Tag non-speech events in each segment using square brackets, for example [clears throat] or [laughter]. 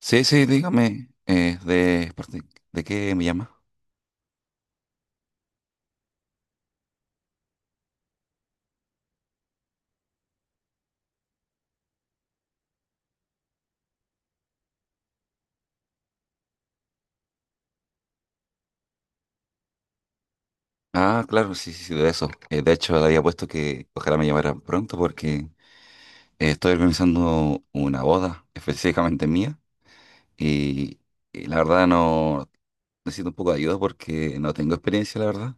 Sí, sí, dígame, ¿de qué me llama? Ah, claro, sí, sí, sí, de eso. De hecho, le había puesto que ojalá me llamara pronto porque estoy organizando una boda específicamente mía y, y la verdad no necesito un poco de ayuda porque no tengo experiencia, la verdad.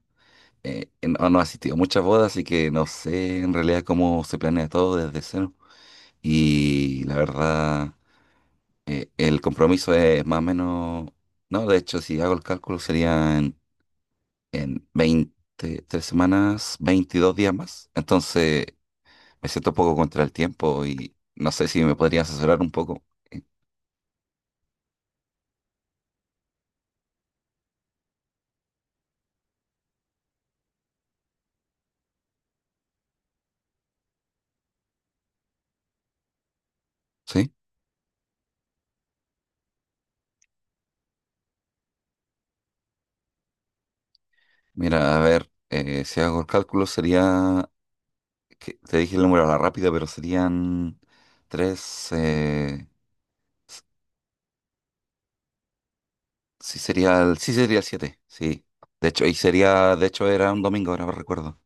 No, no he asistido a muchas bodas, así que no sé en realidad cómo se planea todo desde cero. Y la verdad, el compromiso es más o menos. No, de hecho, si hago el cálculo serían en 23 semanas, 22 días más. Entonces me siento un poco contra el tiempo y no sé si me podría asesorar un poco. Eh, ¿Sí? Mira, a ver, si hago el cálculo sería, que te dije el número a la rápida, pero serían tres, sí sería, sí sería siete, sí. De hecho, y sería, de hecho era un domingo, ahora me recuerdo.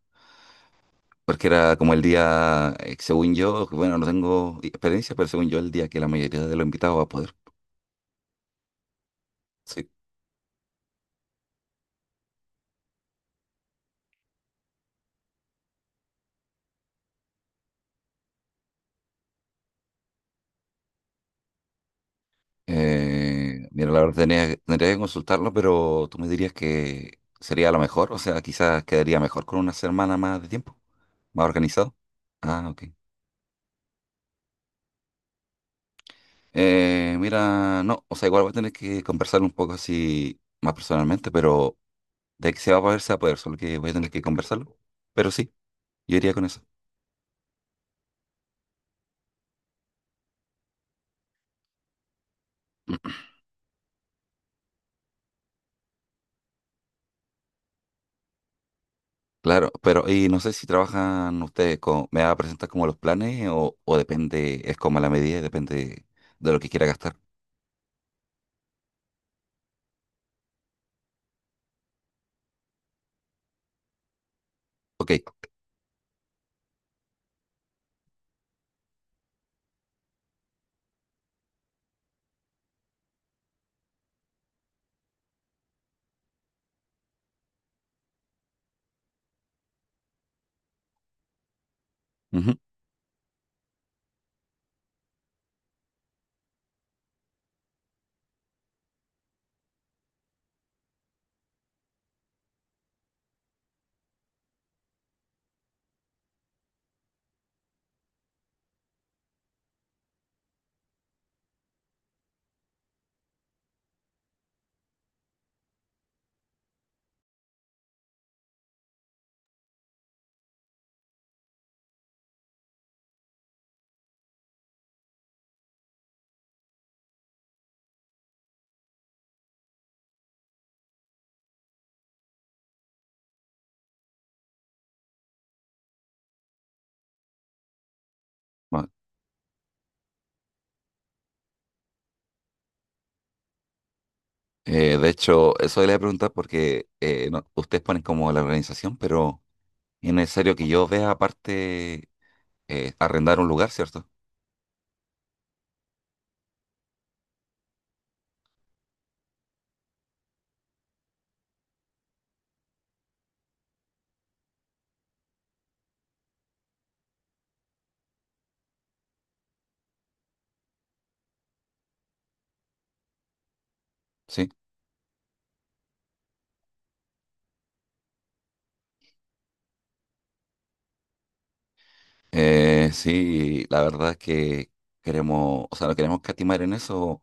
Porque era como el día, según yo, bueno, no tengo experiencia, pero según yo, el día que la mayoría de los invitados va a poder. Sí. Mira, la verdad tendría que consultarlo, pero tú me dirías que sería lo mejor, o sea, quizás quedaría mejor con una semana más de tiempo, más organizado. Ah, ok. Mira, no, o sea, igual voy a tener que conversar un poco así más personalmente, pero de que se va a poder, se va a poder, solo que voy a tener que conversarlo. Pero sí, yo iría con eso. [clears throat] Claro, pero y no sé si trabajan ustedes con, me va a presentar como los planes o depende, es como a la medida, y depende de lo que quiera gastar. Ok. Ujú. De hecho, eso le voy a preguntar porque ustedes ponen como la organización, pero es necesario que yo vea aparte arrendar un lugar, ¿cierto? Sí. Sí, la verdad es que queremos, o sea, no queremos catimar en eso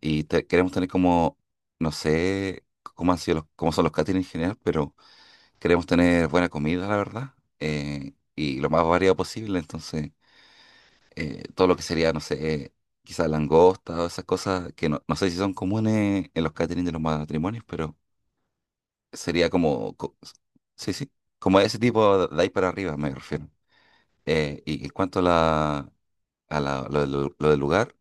y queremos tener como, no sé cómo son los catering en general, pero queremos tener buena comida, la verdad, y lo más variado posible, entonces. Todo lo que sería, no sé, quizás langosta o esas cosas que no, no sé si son comunes en los catering de los matrimonios, pero sería como, sí, sí, como ese tipo de ahí para arriba me refiero. Y en cuanto a la, lo del lugar,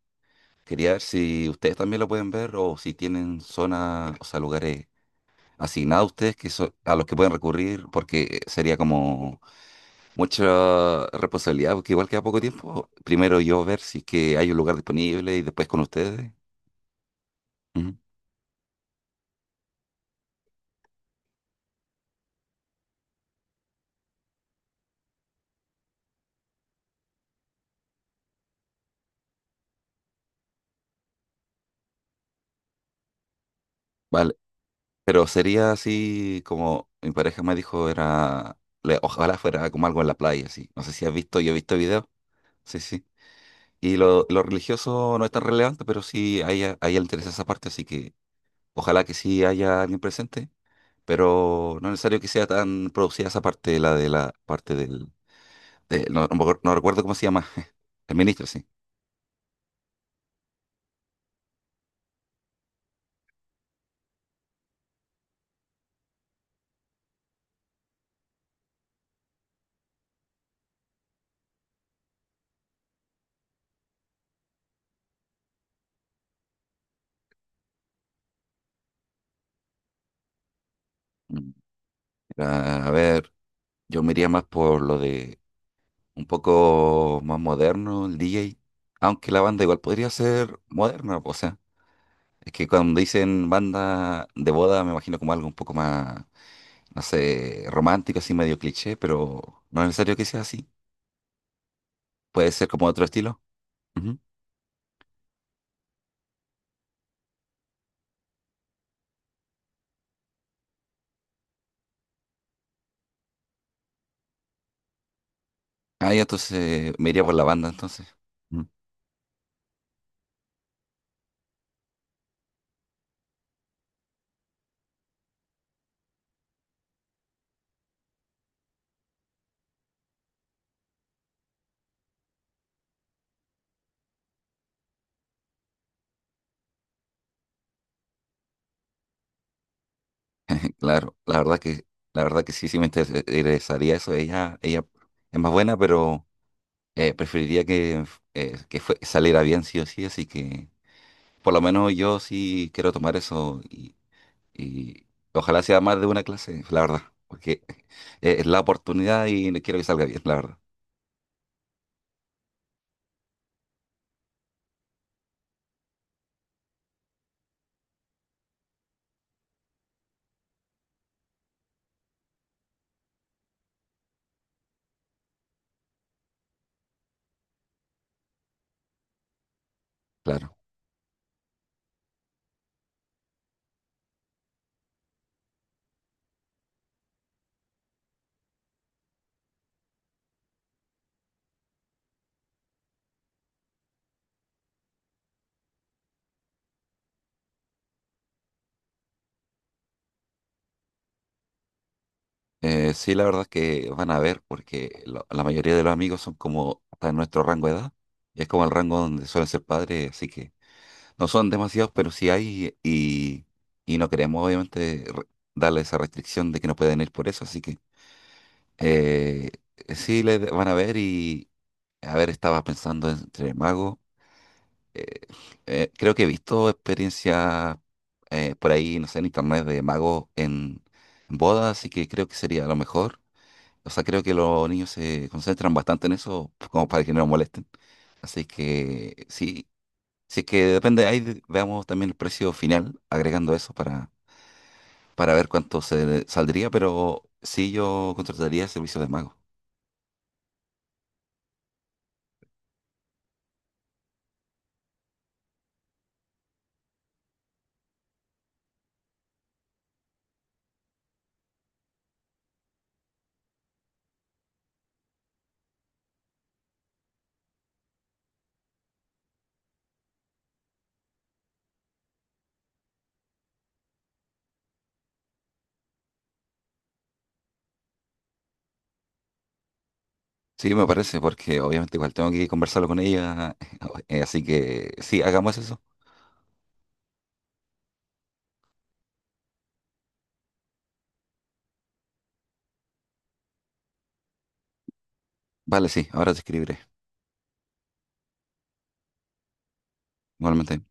quería ver si ustedes también lo pueden ver o si tienen zonas, o sea, lugares asignados a ustedes que a los que pueden recurrir, porque sería como mucha responsabilidad, porque igual queda poco tiempo. Primero yo ver si es que hay un lugar disponible y después con ustedes. Ujú. Vale, pero sería así como mi pareja me dijo, era, ojalá fuera como algo en la playa, así. No sé si has visto, yo he visto videos, sí, sí. Y lo religioso no es tan relevante, pero sí a ella le interesa esa parte, así que ojalá que sí haya alguien presente, pero no es necesario que sea tan producida esa parte, la de la parte del. No, no me acuerdo, no recuerdo cómo se llama, [laughs] el ministro, sí. Mm. A ver, yo me iría más por lo de un poco más moderno, el DJ. Aunque la banda igual podría ser moderna, o sea, es que cuando dicen banda de boda me imagino como algo un poco más, no sé, romántico, así medio cliché, pero no es necesario que sea así. Puede ser como otro estilo. Ujú. Ah, ya entonces me iría por la banda entonces. Ujú. [laughs] Claro, la verdad que sí, sí me interesaría eso. Ella es más buena, pero preferiría que saliera bien sí o sí, así que por lo menos yo sí quiero tomar eso y ojalá sea más de una clase, la verdad, porque [laughs] es la oportunidad y no quiero que salga bien, la verdad, claro. Sí, la verdad es que van a ver, porque la mayoría de los amigos son como hasta en nuestro rango de edad, y es como el rango donde suelen ser padres, así que no son demasiados, pero sí hay y no queremos obviamente darle esa restricción de que no pueden ir por eso, así que. Eh, sí, le van a ver y, a ver, estaba pensando entre magos. eh, Creo que he visto experiencias por ahí, no sé, en internet de magos en bodas, así que creo que sería lo mejor. O sea, creo que los niños se concentran bastante en eso, pues, como para que no los molesten. Así que sí, sí que depende, ahí veamos también el precio final, agregando eso para ver cuánto se saldría, pero sí yo contrataría servicios de mago. Sí, me parece, porque obviamente igual tengo que conversarlo con ella, [laughs] así que sí, hagamos eso. Vale, sí, ahora te escribiré, igualmente.